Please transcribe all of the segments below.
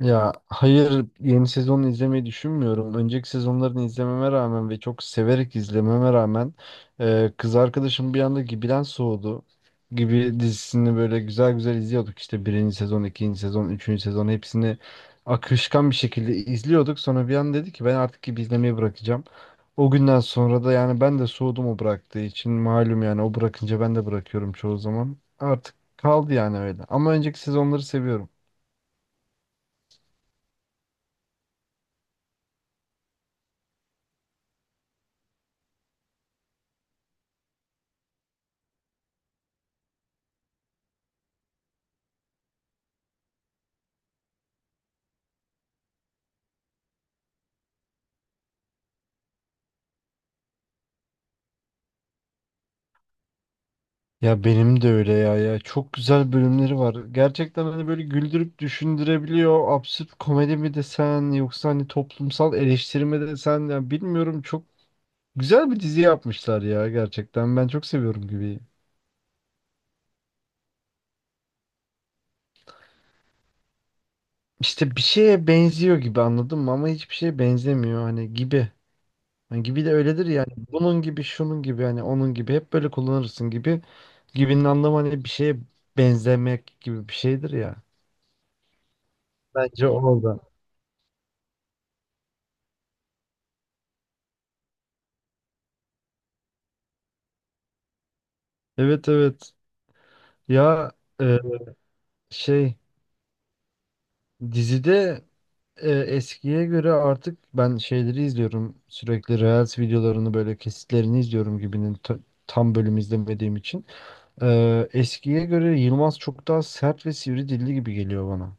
Ya hayır yeni sezonu izlemeyi düşünmüyorum. Önceki sezonlarını izlememe rağmen ve çok severek izlememe rağmen kız arkadaşım bir anda Gibi'den soğudu. Gibi dizisini böyle güzel güzel izliyorduk. İşte birinci sezon, ikinci sezon, üçüncü sezon hepsini akışkan bir şekilde izliyorduk. Sonra bir an dedi ki ben artık Gibi izlemeyi bırakacağım. O günden sonra da yani ben de soğudum o bıraktığı için. Malum yani o bırakınca ben de bırakıyorum çoğu zaman. Artık kaldı yani öyle. Ama önceki sezonları seviyorum. Ya benim de öyle ya ya çok güzel bölümleri var. Gerçekten hani böyle güldürüp düşündürebiliyor. Absürt komedi mi desen yoksa hani toplumsal eleştiri mi desen ya bilmiyorum çok güzel bir dizi yapmışlar ya gerçekten. Ben çok seviyorum gibi. İşte bir şeye benziyor gibi anladın mı ama hiçbir şeye benzemiyor hani gibi. Hani gibi de öyledir yani. Bunun gibi, şunun gibi hani onun gibi hep böyle kullanırsın gibi. Gibinin anlamı hani bir şeye benzemek gibi bir şeydir ya. Bence orada. Evet, evet. Ya e, şey dizide eskiye göre artık ben şeyleri izliyorum sürekli Reels videolarını böyle kesitlerini izliyorum gibinin tam bölüm izlemediğim için. Eskiye göre Yılmaz çok daha sert ve sivri dilli gibi geliyor bana.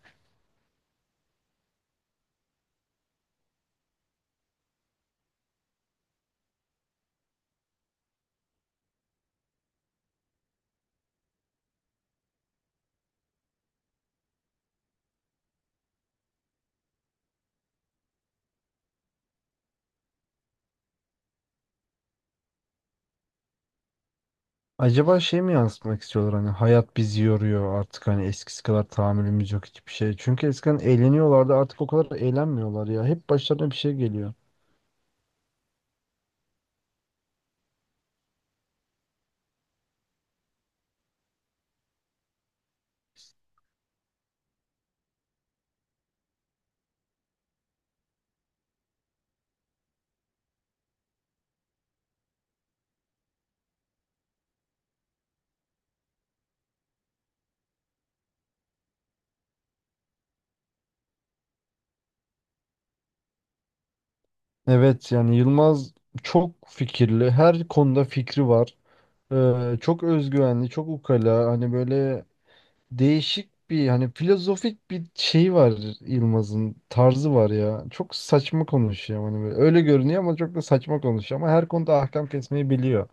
Acaba şey mi yansıtmak istiyorlar hani hayat bizi yoruyor artık hani eskisi kadar tahammülümüz yok hiçbir şey. Çünkü eskiden eğleniyorlardı artık o kadar eğlenmiyorlar ya hep başlarına bir şey geliyor. Evet yani Yılmaz çok fikirli her konuda fikri var. Çok özgüvenli, çok ukala, hani böyle değişik bir hani filozofik bir şey var Yılmaz'ın tarzı var ya. Çok saçma konuşuyor hani böyle. Öyle görünüyor ama çok da saçma konuşuyor ama her konuda ahkam kesmeyi biliyor.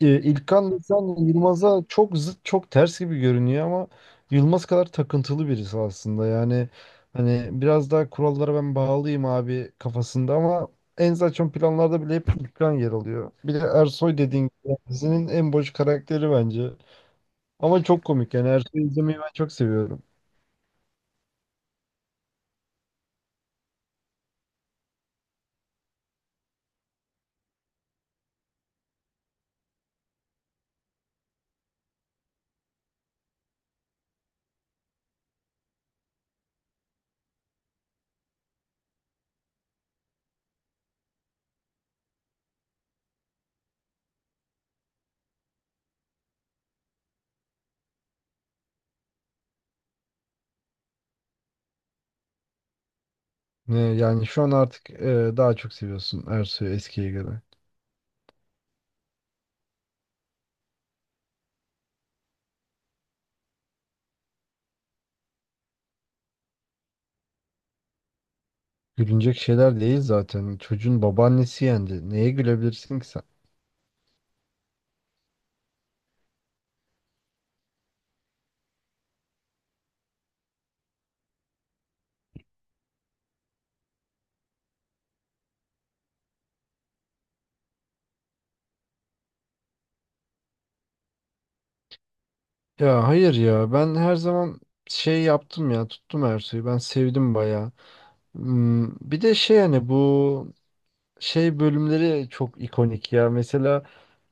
İlkan sen Yılmaz'a çok zıt, çok ters gibi görünüyor ama Yılmaz kadar takıntılı birisi aslında. Yani hani biraz daha kurallara ben bağlıyım abi kafasında ama en saçma planlarda bile hep İlkan yer alıyor. Bir de Ersoy dediğin gibi yani dizinin en boş karakteri bence. Ama çok komik yani Ersoy'u izlemeyi ben çok seviyorum. Yani şu an artık daha çok seviyorsun Ersoy'u eskiye göre. Gülünecek şeyler değil zaten. Çocuğun babaannesi yendi. Neye gülebilirsin ki sen? Ya hayır ya ben her zaman şey yaptım ya tuttum Ersoy'u ben sevdim bayağı. Hmm, bir de şey hani bu şey bölümleri çok ikonik ya. Mesela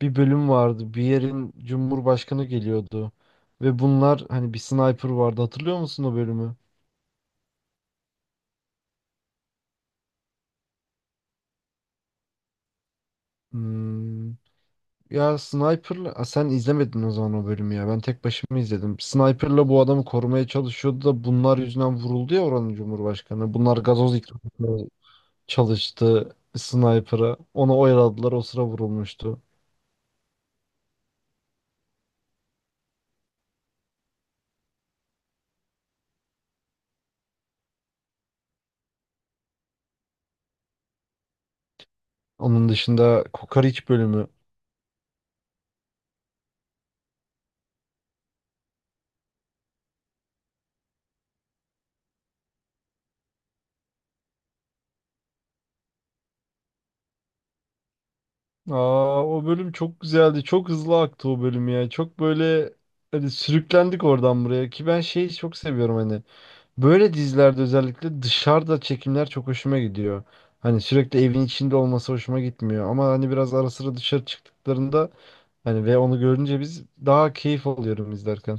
bir bölüm vardı bir yerin cumhurbaşkanı geliyordu ve bunlar hani bir sniper vardı hatırlıyor musun o bölümü? Hmm, ya sniperla Aa, sen izlemedin o zaman o bölümü ya ben tek başıma izledim. Sniperla bu adamı korumaya çalışıyordu da bunlar yüzünden vuruldu ya oranın cumhurbaşkanı. Bunlar gazoz ikramı çalıştı sniper'a. Onu oyaladılar o sıra vurulmuştu. Onun dışında Kokoreç bölümü. Aa o bölüm çok güzeldi. Çok hızlı aktı o bölüm ya. Çok böyle hani sürüklendik oradan buraya ki ben şeyi çok seviyorum hani. Böyle dizilerde özellikle dışarıda çekimler çok hoşuma gidiyor. Hani sürekli evin içinde olması hoşuma gitmiyor ama hani biraz ara sıra dışarı çıktıklarında hani ve onu görünce biz daha keyif alıyorum izlerken.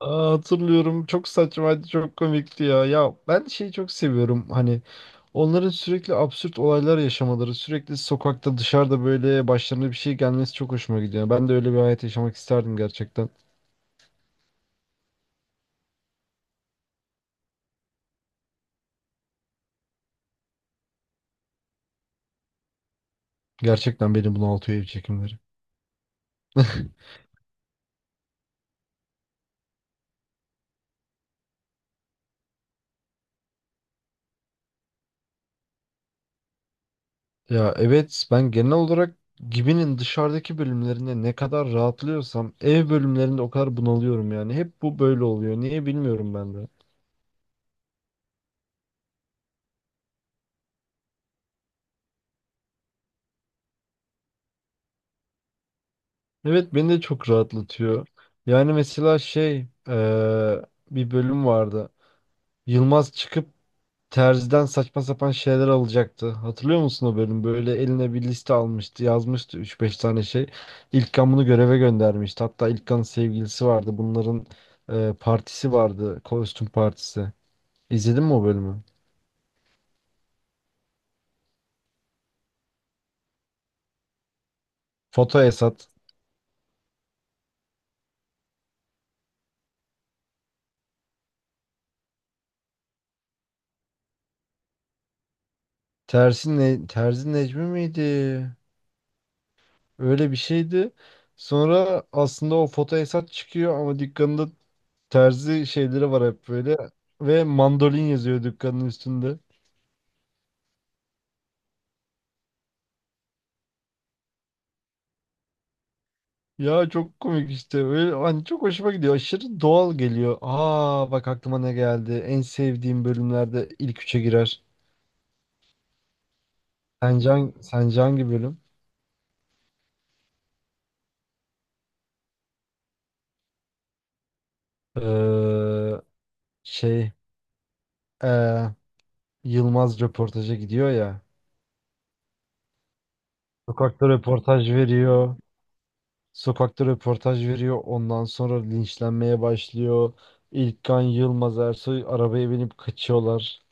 Aa, hatırlıyorum. Çok saçmaydı, çok komikti ya. Ya ben şeyi çok seviyorum. Hani onların sürekli absürt olaylar yaşamaları, sürekli sokakta, dışarıda böyle başlarına bir şey gelmesi çok hoşuma gidiyor. Ben de öyle bir hayat yaşamak isterdim gerçekten. Gerçekten beni bunaltıyor ev çekimleri. Ya evet ben genel olarak Gibi'nin dışarıdaki bölümlerinde ne kadar rahatlıyorsam ev bölümlerinde o kadar bunalıyorum yani. Hep bu böyle oluyor. Niye bilmiyorum ben de. Evet beni de çok rahatlatıyor. Yani mesela şey bir bölüm vardı. Yılmaz çıkıp terziden saçma sapan şeyler alacaktı. Hatırlıyor musun o bölüm? Böyle eline bir liste almıştı, yazmıştı üç beş tane şey. İlkan bunu göreve göndermişti. Hatta İlkan'ın sevgilisi vardı. Bunların partisi vardı. Kostüm partisi. İzledin mi o bölümü? Foto Esat. Tersi ne, Terzi Necmi miydi? Öyle bir şeydi. Sonra aslında o foto Esat çıkıyor ama dükkanında Terzi şeyleri var hep böyle. Ve mandolin yazıyor dükkanın üstünde. Ya çok komik işte. Öyle, hani çok hoşuma gidiyor. Aşırı doğal geliyor. Aa bak aklıma ne geldi. En sevdiğim bölümlerde ilk üçe girer. Sence, sence hangi bölüm? Ee, Şey ee, Yılmaz röportaja gidiyor ya. Sokakta röportaj veriyor. Sokakta röportaj veriyor. Ondan sonra linçlenmeye başlıyor. İlkan Yılmaz Ersoy arabaya binip kaçıyorlar.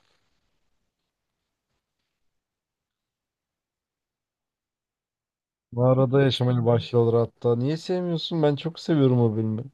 Mağarada yaşamaya başlıyorlar hatta. Niye sevmiyorsun? Ben çok seviyorum o filmi.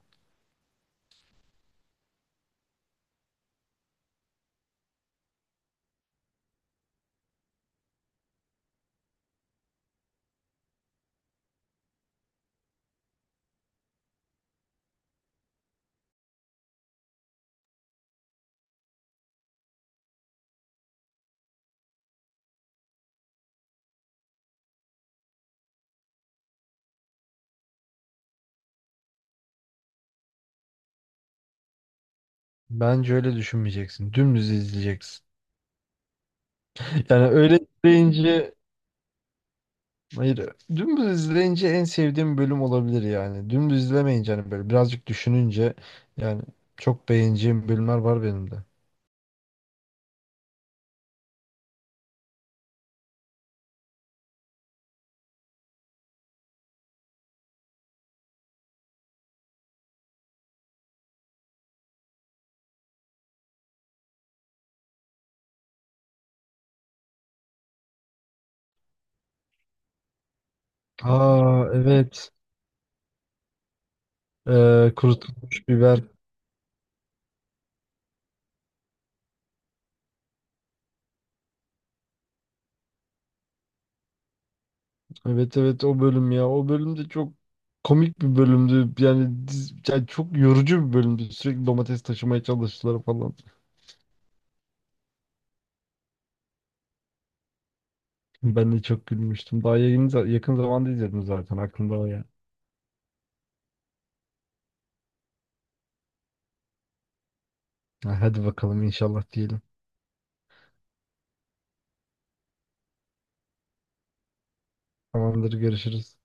Bence öyle düşünmeyeceksin. Dümdüz izleyeceksin. Yani öyle izleyince hayır dümdüz izleyince en sevdiğim bölüm olabilir yani. Dümdüz izlemeyince hani böyle birazcık düşününce yani çok beğeneceğim bölümler var benim de. Aa evet. Kurutulmuş biber. Evet evet o bölüm ya. O bölüm de çok komik bir bölümdü. Yani, yani çok yorucu bir bölümdü. Sürekli domates taşımaya çalıştılar falan. Ben de çok gülmüştüm. Daha yayını yakın zamanda izledim zaten. Aklımda o ya. Ha, hadi bakalım inşallah diyelim. Tamamdır görüşürüz.